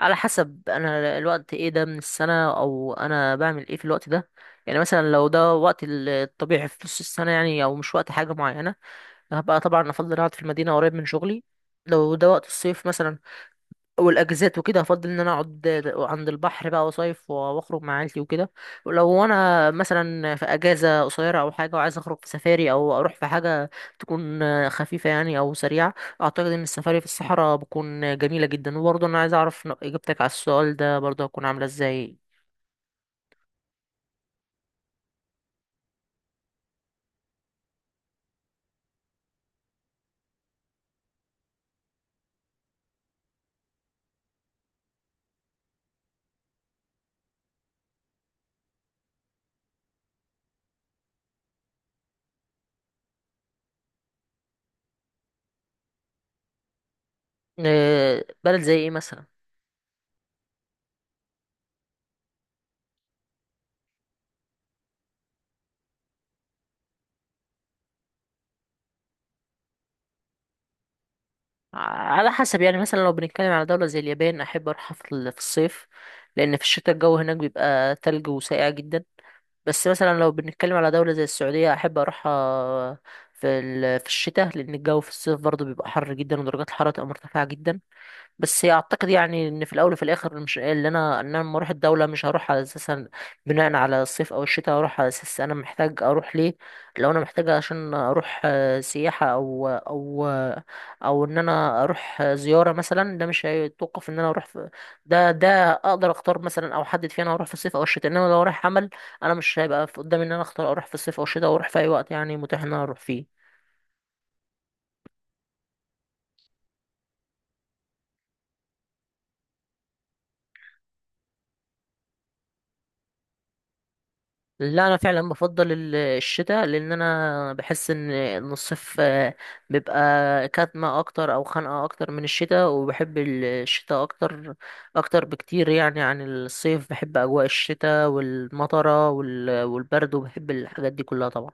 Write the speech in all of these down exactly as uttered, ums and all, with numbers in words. على حسب انا الوقت ايه ده من السنة او انا بعمل ايه في الوقت ده. يعني مثلا لو ده وقت ال- الطبيعي في نص السنة يعني او مش وقت حاجة معينة، هبقى طبعا افضل اقعد في المدينة قريب من شغلي. لو ده وقت الصيف مثلا والاجازات وكده، هفضل ان انا اقعد عند البحر بقى وصيف واخرج مع عيلتي وكده. ولو انا مثلا في اجازه قصيره او حاجه وعايز اخرج في سفاري او اروح في حاجه تكون خفيفه يعني او سريعه، اعتقد ان السفاري في الصحراء بتكون جميله جدا. وبرضه انا عايز اعرف اجابتك على السؤال ده برضه هتكون عامله ازاي. آه، بلد زي ايه مثلا؟ على حسب يعني، مثلا لو بنتكلم على دولة زي اليابان أحب أروحها في ال- في الصيف، لأن في الشتاء الجو هناك بيبقى تلج وساقع جدا. بس مثلا لو بنتكلم على دولة زي السعودية أحب أروحها في ال- في الشتاء، لأن الجو في الصيف برضه بيبقى حر جدا ودرجات الحرارة تبقى مرتفعة جدا. بس اعتقد يعني ان في الاول وفي الاخر، مش اللي انا ان انا لما اروح الدوله مش هروح على اساسا بناء على الصيف او الشتاء، هروح على اساس انا محتاج اروح ليه. لو انا محتاج عشان اروح آه، سياحه او او او ان انا اروح آه، زياره مثلا، ده مش هيتوقف ان انا اروح في، ده ده اقدر اختار مثلا او احدد فيه انا هروح في الصيف او الشتاء. انما لو رايح عمل، انا مش هيبقى في قدامي ان انا اختار اروح في الصيف او الشتاء، واروح في اي وقت يعني متاح ان انا اروح فيه. لا، انا فعلا بفضل ال- الشتاء، لان انا بحس ان ان الصيف آه، بيبقى كاتمه اكتر او خنقه اكتر من الشتاء. وبحب ال- الشتاء اكتر، اكتر بكتير يعني عن الصيف. بحب اجواء الشتاء والمطره وال- والبرد، وبحب الحاجات دي كلها طبعا.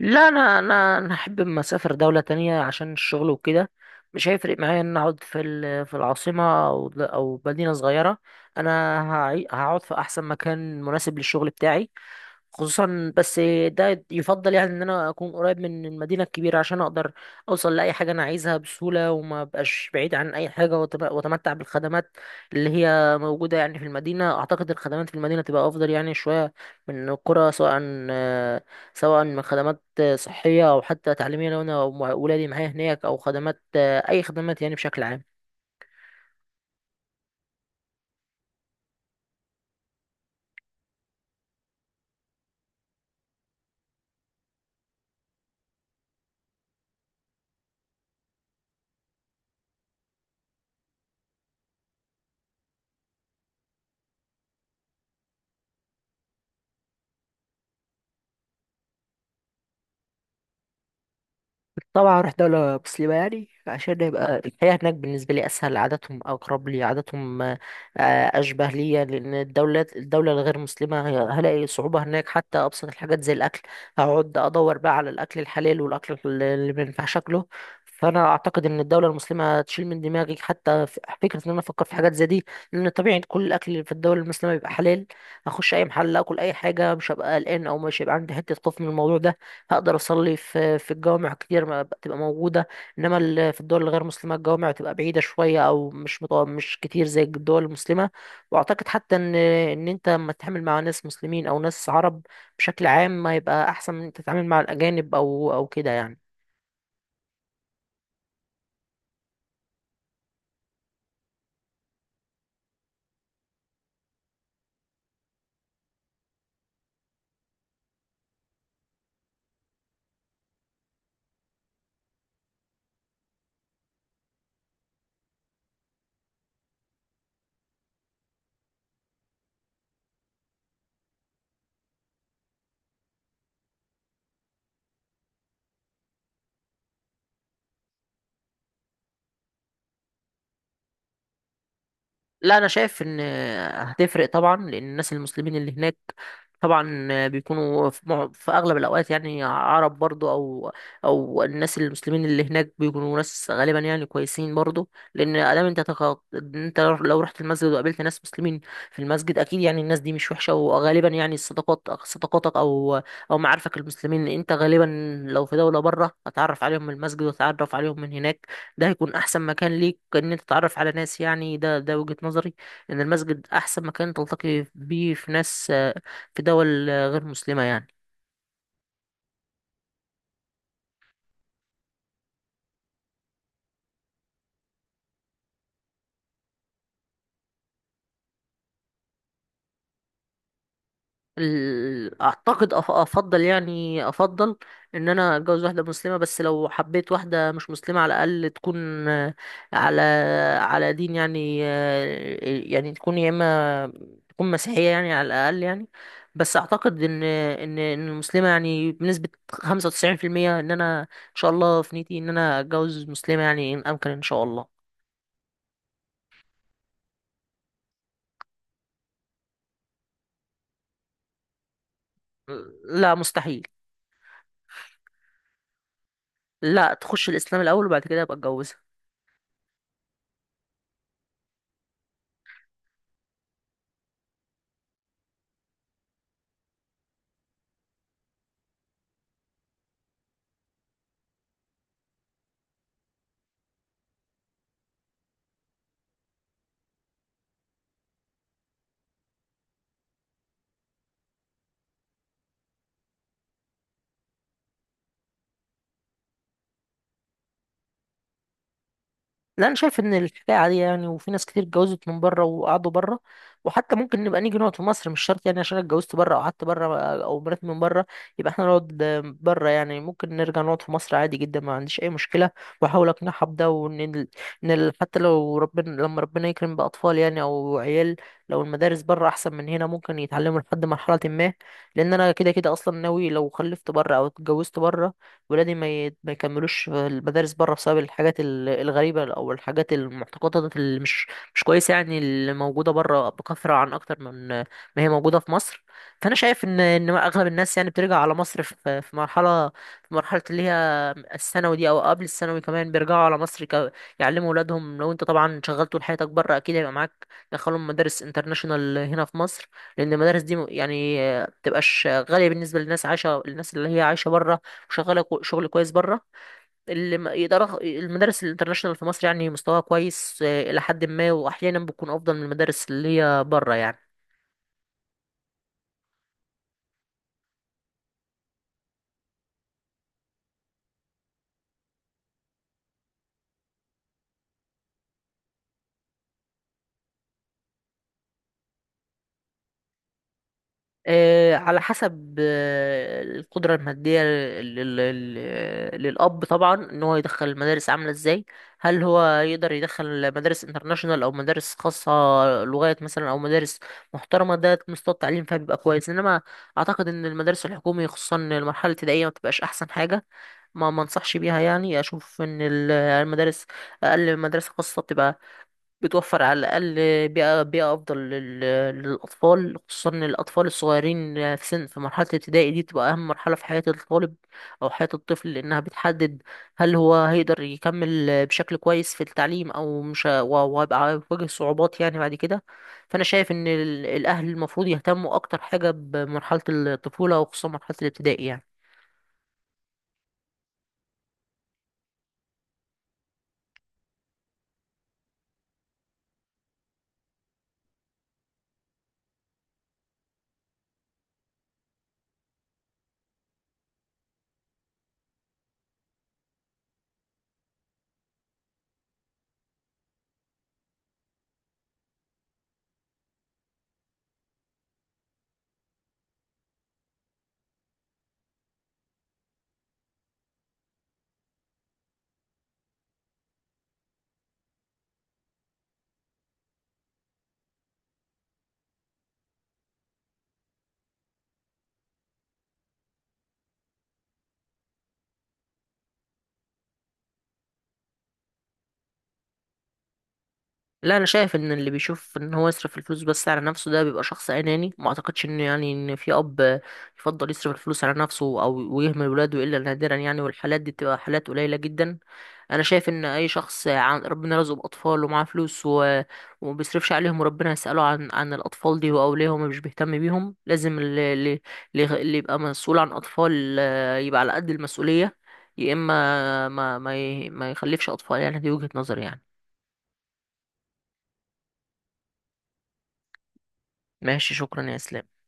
لا، انا انا انا احب اما اسافر دوله تانية عشان الشغل وكده، مش هيفرق معايا ان اقعد في ال- في العاصمه او او مدينه صغيره. انا هعي- هقعد في احسن مكان مناسب للشغل بتاعي. خصوصا بس ده يفضل يعني ان انا اكون قريب من المدينه الكبيره، عشان اقدر اوصل لاي حاجه انا عايزها بسهوله وما بقاش بعيد عن اي حاجه، وأتم- واتمتع بالخدمات اللي هي موجوده يعني في المدينه. اعتقد الخدمات في المدينه تبقى افضل يعني شويه من القرى، سواء آه، سواء من خدمات آه، صحيه او حتى تعليميه لو انا وم- ولادي معايا هناك، او خدمات آه، اي خدمات يعني بشكل عام. طبعا اروح دولة مسلمة، يعني عشان يبقى الحياة هناك بالنسبة لي اسهل، عاداتهم اقرب لي، عاداتهم آه، اشبه ليا. لان الدولات الدولة الغير مسلمة، هي- هلاقي صعوبة هناك حتى ابسط الحاجات زي الاكل. هقعد ادور بقى على الاكل الحلال والاكل اللي اللي ما ينفعش اكله. فانا اعتقد ان الدولة المسلمة هتشيل من دماغي حتى ف- فكرة ان انا افكر في حاجات زي دي، لان طبيعي كل الاكل اللي في الدولة المسلمة بيبقى حلال. اخش اي محل اكل اي حاجة، مش هبقى قلقان او مش هيبقى عندي حتة خوف من الموضوع ده. هقدر اصلي في في الجوامع كتير ما بتبقى موجوده، انما ال- في الدول الغير مسلمه الجوامع بتبقى بعيده شويه او مش مط- مش كتير زي الدول المسلمه. واعتقد حتى ان ان انت لما تتعامل مع ناس مسلمين او ناس عرب بشكل عام، ما يبقى احسن من انت تتعامل مع الاجانب او او كده يعني. لا، انا شايف ان هتفرق طبعا، لان الناس المسلمين اللي هناك طبعا بيكونوا في مع- في اغلب الاوقات يعني عرب برضو، او او الناس المسلمين اللي هناك بيكونوا ناس غالبا يعني كويسين برضو. لان ادام انت تخ... انت لو رحت المسجد وقابلت ناس مسلمين في المسجد، اكيد يعني الناس دي مش وحشه. وغالبا يعني الصداقات صداقاتك او او معارفك المسلمين، انت غالبا لو في دوله بره هتعرف عليهم من المسجد وتتعرف عليهم من هناك. ده هيكون احسن مكان ليك ان انت تتعرف على ناس يعني. ده ده وجهة نظري ان المسجد احسن مكان تلتقي بيه في ناس آه، في دول آه، غير مسلمة يعني. ال- اعتقد أف- افضل يعني افضل ان انا اتجوز واحده مسلمه. بس لو حبيت واحده مش مسلمه، على الاقل تكون آه، على على دين يعني، آه، يعني تكون يا اما تكون مسيحيه يعني، على الاقل يعني. بس اعتقد ان ان ان المسلمه يعني بنسبه خمسة وتسعون في المئة، ان انا ان شاء الله في نيتي ان انا اتجوز مسلمه يعني ان امكن ان شاء الله. لا، مستحيل. لا، تخش الاسلام الاول وبعد كده ابقى اتجوزها. لا، انا شايف ان الحكايه عاديه يعني، وفي ناس كتير اتجوزت من بره وقعدوا بره. وحتى ممكن نبقى نيجي نقعد في مصر، مش شرط يعني عشان أنا اتجوزت بره او قعدت بره او مراتي من بره يبقى احنا نقعد بره. يعني ممكن نرجع نقعد في مصر عادي جدا، ما عنديش اي مشكله. واحاول اقنعها بده، وان ال- ان ال- حتى لو ربنا لما ربنا يكرم باطفال يعني او عيال، لو المدارس بره احسن من هنا ممكن يتعلموا لحد مرحله ما. لان انا كده كده اصلا ناوي لو خلفت بره او اتجوزت بره، ولادي ما ي- ما يكملوش في المدارس بره، بسبب الحاجات ال- الغريبة أو الحاجات المعتقدات اللي مش مش كويسة يعني، اللي موجودة بره بكثرة عن أكتر من ما هي موجودة في مصر. فأنا شايف إن إن أغلب الناس يعني بترجع على مصر في في مرحلة في مرحلة اللي هي الثانوي دي، أو قبل الثانوي كمان بيرجعوا على مصر ك- يعلموا ولادهم. لو أنت طبعا شغلت طول حياتك بره، أكيد هيبقى معاك دخلهم مدارس انترناشونال هنا في مصر، لأن المدارس دي م- يعني بتبقاش غالية بالنسبة للناس عايشة، الناس اللي هي عايشة بره وشغاله كو- شغل كويس بره. اللي ما يقدر، المدارس الانترناشونال في مصر يعني مستواها كويس آه، الى حد ما، واحيانا بتكون افضل من المدارس اللي هي بره يعني. آه، على حسب آه، القدرة المادية لل- لل- لل- للأب طبعا، إن هو يدخل المدارس عاملة إزاي، هل هو يقدر يدخل مدارس انترناشونال أو مدارس خاصة لغات مثلا، أو مدارس محترمة ده مستوى التعليم فيها بيبقى كويس. إنما أعتقد إن المدارس الحكومية خصوصا المرحلة الابتدائية ما بتبقاش أحسن حاجة، ما ما انصحش بيها يعني. اشوف ان ال- المدارس، اقل مدرسه خاصه بتبقى بتوفر على الاقل بيئه بيئه افضل لل- للاطفال. خصوصا إن الاطفال الصغيرين في سن في مرحله الابتدائي دي بتبقى اهم مرحله في حياه الطالب او حياه الطفل، لانها بتحدد هل هو هيقدر يكمل بشكل كويس في التعليم او مش ه- و- وهيبقى هيواجه صعوبات يعني بعد كده. فانا شايف ان ال- الاهل المفروض يهتموا اكتر حاجه بمرحله الطفوله، وخصوصا مرحله الابتدائي يعني. لا، انا شايف ان اللي بيشوف ان هو يصرف الفلوس بس على نفسه ده بيبقى شخص اناني. ما اعتقدش ان يعني ان في اب يفضل يصرف الفلوس على نفسه او ويهمل ولاده الا نادرا يعني، والحالات دي بتبقى حالات قليله جدا. انا شايف ان اي شخص عن ربنا رزقه باطفال ومعاه فلوس و... وما بيصرفش عليهم، وربنا يساله عن عن الاطفال دي. واولياءهم مش بيهتم بيهم، لازم اللي, اللي, اللي يبقى مسؤول عن اطفال آه، يبقى على قد المسؤوليه، يا اما ما ما, ي... ما يخلفش اطفال يعني. دي وجهه نظري يعني. ماشي، شكرا يا اسلام.